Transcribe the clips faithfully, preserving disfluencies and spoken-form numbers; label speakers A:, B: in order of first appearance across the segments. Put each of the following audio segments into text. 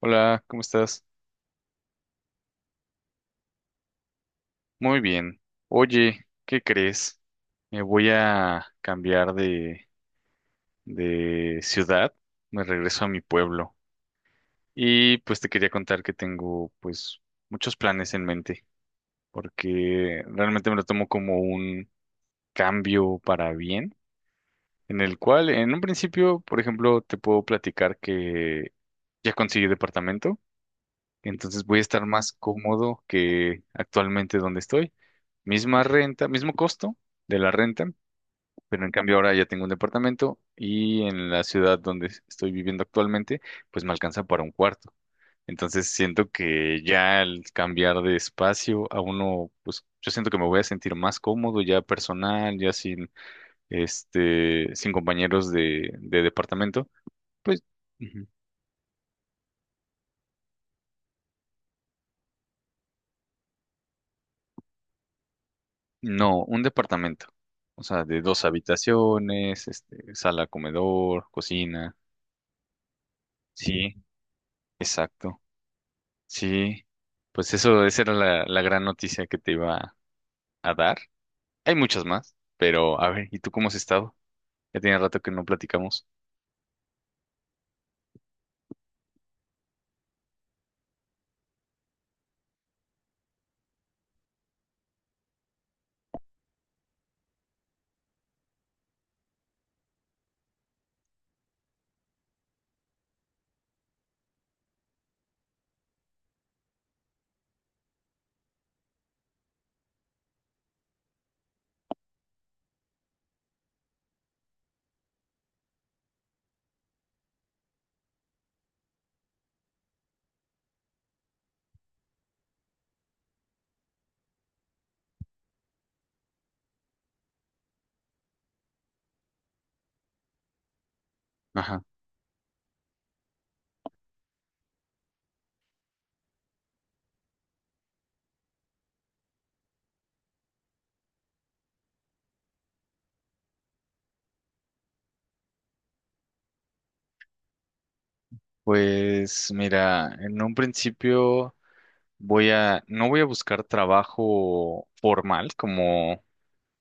A: Hola, ¿cómo estás? Muy bien. Oye, ¿qué crees? Me voy a cambiar de, de ciudad, me regreso a mi pueblo y pues te quería contar que tengo pues muchos planes en mente porque realmente me lo tomo como un cambio para bien, en el cual en un principio, por ejemplo, te puedo platicar que ya conseguí departamento entonces voy a estar más cómodo que actualmente donde estoy. Misma renta, mismo costo de la renta, pero en cambio ahora ya tengo un departamento y en la ciudad donde es- estoy viviendo actualmente, pues me alcanza para un cuarto. Entonces siento que ya al cambiar de espacio a uno, pues yo siento que me voy a sentir más cómodo ya personal, ya sin este, sin compañeros de, de departamento, pues. No, un departamento. O sea, de dos habitaciones, este, sala, comedor, cocina. Sí, exacto. Sí, pues eso, esa era la, la gran noticia que te iba a dar. Hay muchas más, pero a ver, ¿y tú cómo has estado? Ya tiene rato que no platicamos. Ajá. Pues mira, en un principio voy a, no voy a buscar trabajo formal como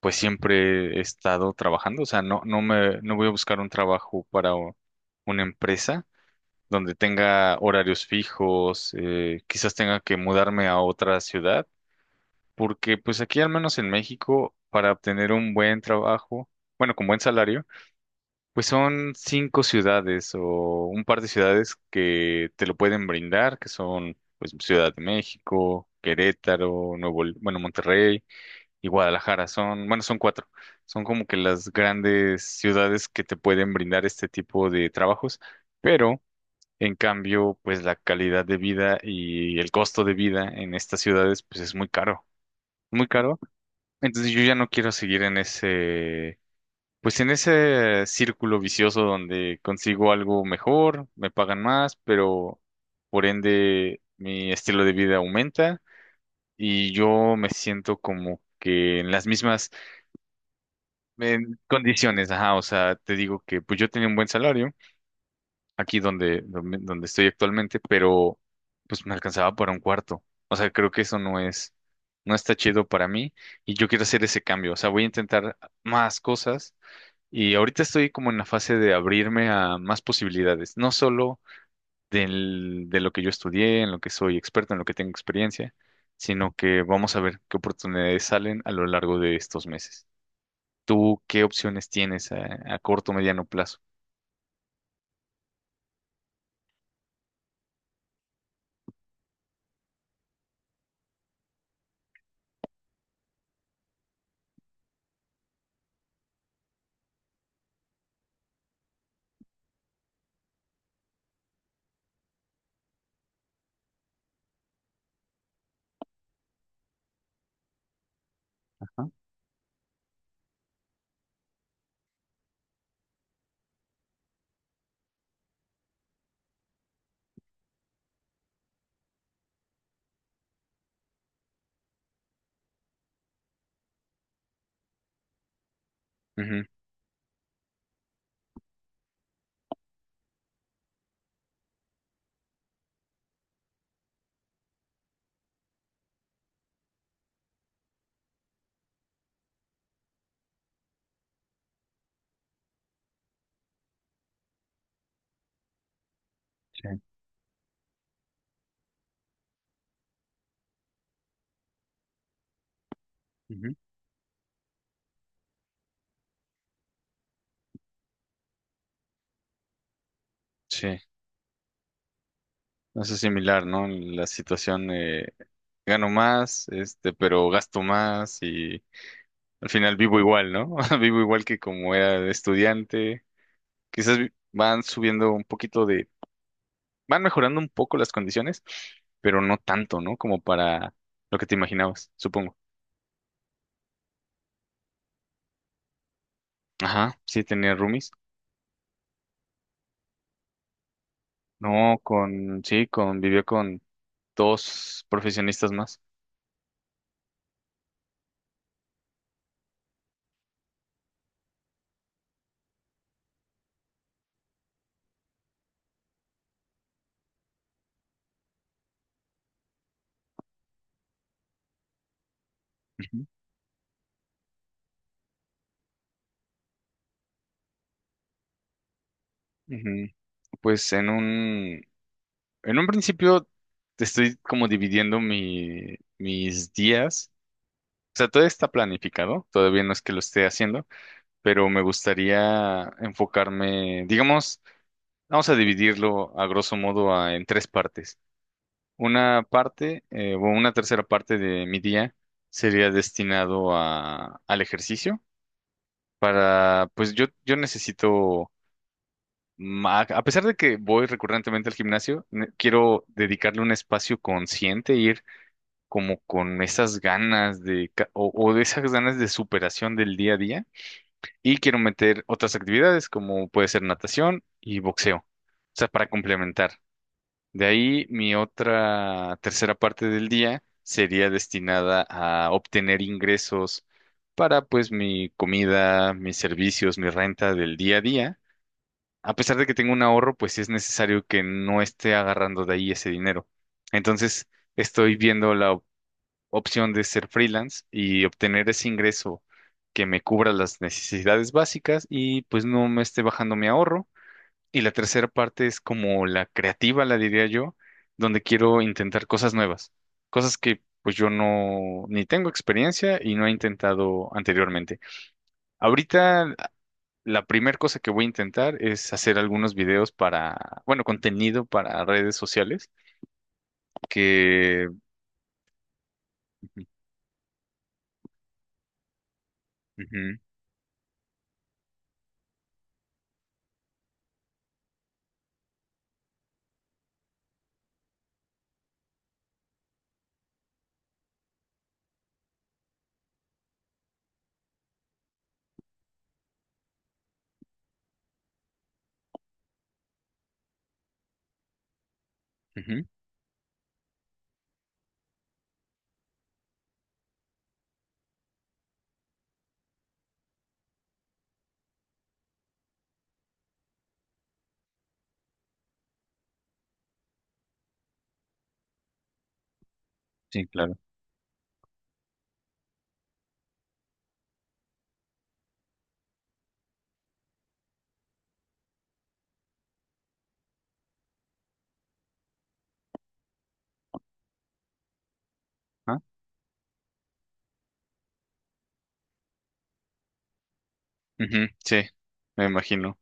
A: pues siempre he estado trabajando, o sea, no, no me, no voy a buscar un trabajo para u- una empresa donde tenga horarios fijos, eh, quizás tenga que mudarme a otra ciudad, porque pues aquí al menos en México, para obtener un buen trabajo, bueno, con buen salario, pues son cinco ciudades o un par de ciudades que te lo pueden brindar, que son pues Ciudad de México, Querétaro, Nuevo, L- bueno, Monterrey y Guadalajara. Son, bueno, son cuatro. Son como que las grandes ciudades que te pueden brindar este tipo de trabajos, pero en cambio, pues la calidad de vida y el costo de vida en estas ciudades, pues es muy caro, muy caro. Entonces yo ya no quiero seguir en ese, pues en ese círculo vicioso donde consigo algo mejor, me pagan más, pero por ende mi estilo de vida aumenta y yo me siento como que en las mismas. En condiciones, ajá, o sea, te digo que pues yo tenía un buen salario aquí donde, donde, donde estoy actualmente, pero pues me alcanzaba para un cuarto. O sea, creo que eso no es, no está chido para mí y yo quiero hacer ese cambio. O sea, voy a intentar más cosas y ahorita estoy como en la fase de abrirme a más posibilidades, no solo del, de lo que yo estudié, en lo que soy experto, en lo que tengo experiencia, sino que vamos a ver qué oportunidades salen a lo largo de estos meses. ¿Tú qué opciones tienes a, a corto o mediano plazo? Ajá, ujú, sí. Ujú, sí, eso es similar, ¿no? La situación, eh, gano más, este, pero gasto más y al final vivo igual, ¿no? Vivo igual que como era de estudiante. Quizás vi- van subiendo un poquito de, van mejorando un poco las condiciones, pero no tanto, ¿no? Como para lo que te imaginabas, supongo. Ajá, sí, tenía roomies. No, con, sí, con, vivió con dos profesionistas más. Ujú. Pues en un, en un principio estoy como dividiendo mi, mis días. O sea, todo está planificado, todavía no es que lo esté haciendo, pero me gustaría enfocarme, digamos, vamos a dividirlo a grosso modo a- en tres partes. Una parte, eh, o una tercera parte de mi día sería destinado a, al ejercicio para, pues yo, yo necesito ma- a pesar de que voy recurrentemente al gimnasio, ne- quiero dedicarle un espacio consciente, ir como con esas ganas de, ca- o, o de esas ganas de superación del día a día. Y quiero meter otras actividades como puede ser natación y boxeo. O sea, para complementar. De ahí mi otra tercera parte del día sería destinada a obtener ingresos para pues mi comida, mis servicios, mi renta del día a día a pesar de que tengo un ahorro, pues sí es necesario que no esté agarrando de ahí ese dinero. Entonces, estoy viendo la op- opción de ser freelance y obtener ese ingreso que me cubra las necesidades básicas y pues no me esté bajando mi ahorro. Y la tercera parte es como la creativa, la diría yo, donde quiero intentar cosas nuevas, cosas que pues yo no ni tengo experiencia y no he intentado anteriormente. Ahorita la primera cosa que voy a intentar es hacer algunos videos para, bueno, contenido para redes sociales que... Ujú, ujú, sí, claro. Ah, ujú, sí, me imagino.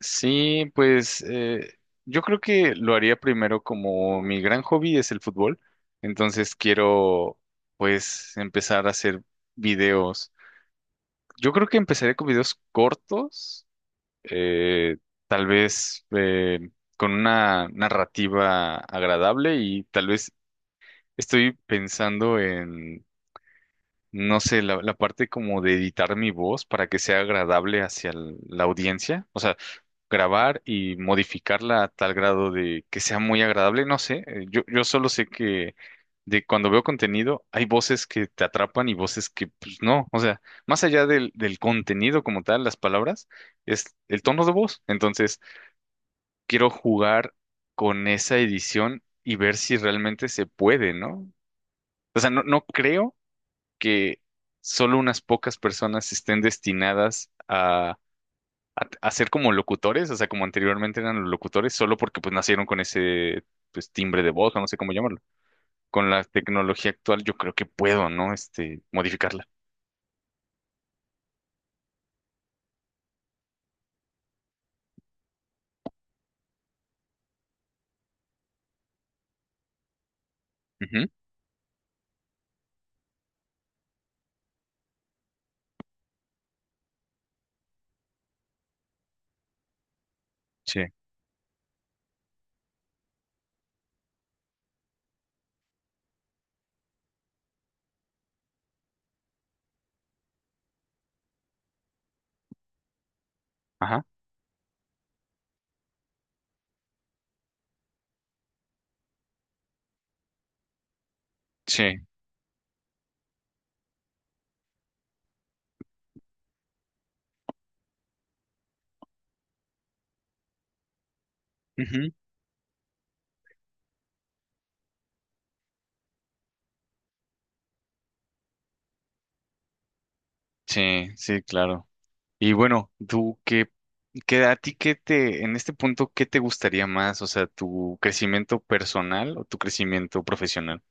A: Sí, pues eh, yo creo que lo haría primero como mi gran hobby es el fútbol, entonces quiero pues empezar a hacer videos. Yo creo que empezaré con videos cortos eh, tal vez eh, con una narrativa agradable y tal vez estoy pensando en, no sé, la, la parte como de editar mi voz para que sea agradable hacia el- la audiencia, o sea, grabar y modificarla a tal grado de que sea muy agradable, no sé, eh, yo, yo solo sé que... De cuando veo contenido, hay voces que te atrapan y voces que, pues no. O sea, más allá del, del contenido como tal, las palabras, es el tono de voz. Entonces, quiero jugar con esa edición y ver si realmente se puede, ¿no? O sea, no, no creo que solo unas pocas personas estén destinadas a, a- a ser como locutores, o sea, como anteriormente eran los locutores, solo porque pues nacieron con ese pues timbre de voz, o no sé cómo llamarlo. Con la tecnología actual yo creo que puedo, ¿no? Este, modificarla. Ujú, sí, ajá, sí, ujú, sí, sí, claro. Y bueno, tú qué, qué a ti qué te, en este punto, ¿qué te gustaría más? O sea, tu crecimiento personal o tu crecimiento profesional.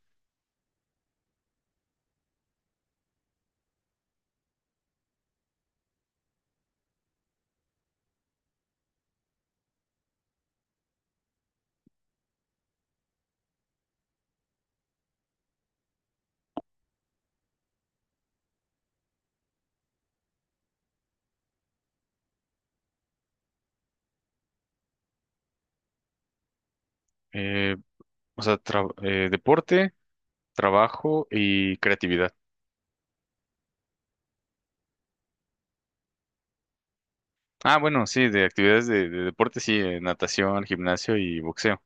A: Eh, o sea, tra- eh, deporte, trabajo y creatividad. Ah, bueno, sí, de actividades de, de deporte, sí, eh, natación, gimnasio y boxeo.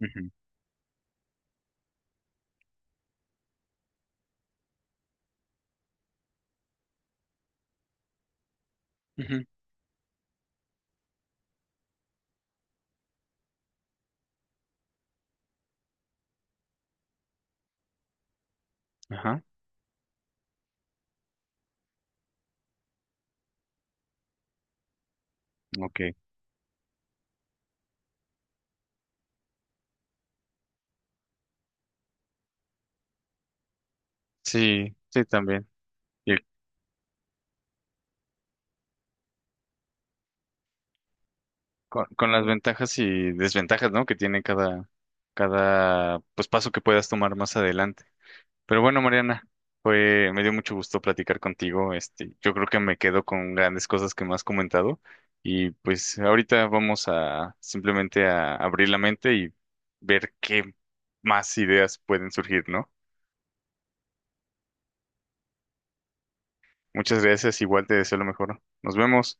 A: Ujú, ujú, ajá, ok. Sí, sí, también. Y con, con las ventajas y desventajas, ¿no? Que tiene cada, cada, pues, paso que puedas tomar más adelante. Pero bueno, Mariana, fue, me dio mucho gusto platicar contigo. Este, yo creo que me quedo con grandes cosas que me has comentado. Y pues ahorita vamos a simplemente a abrir la mente y ver qué más ideas pueden surgir, ¿no? Muchas gracias, igual te deseo lo mejor. Nos vemos.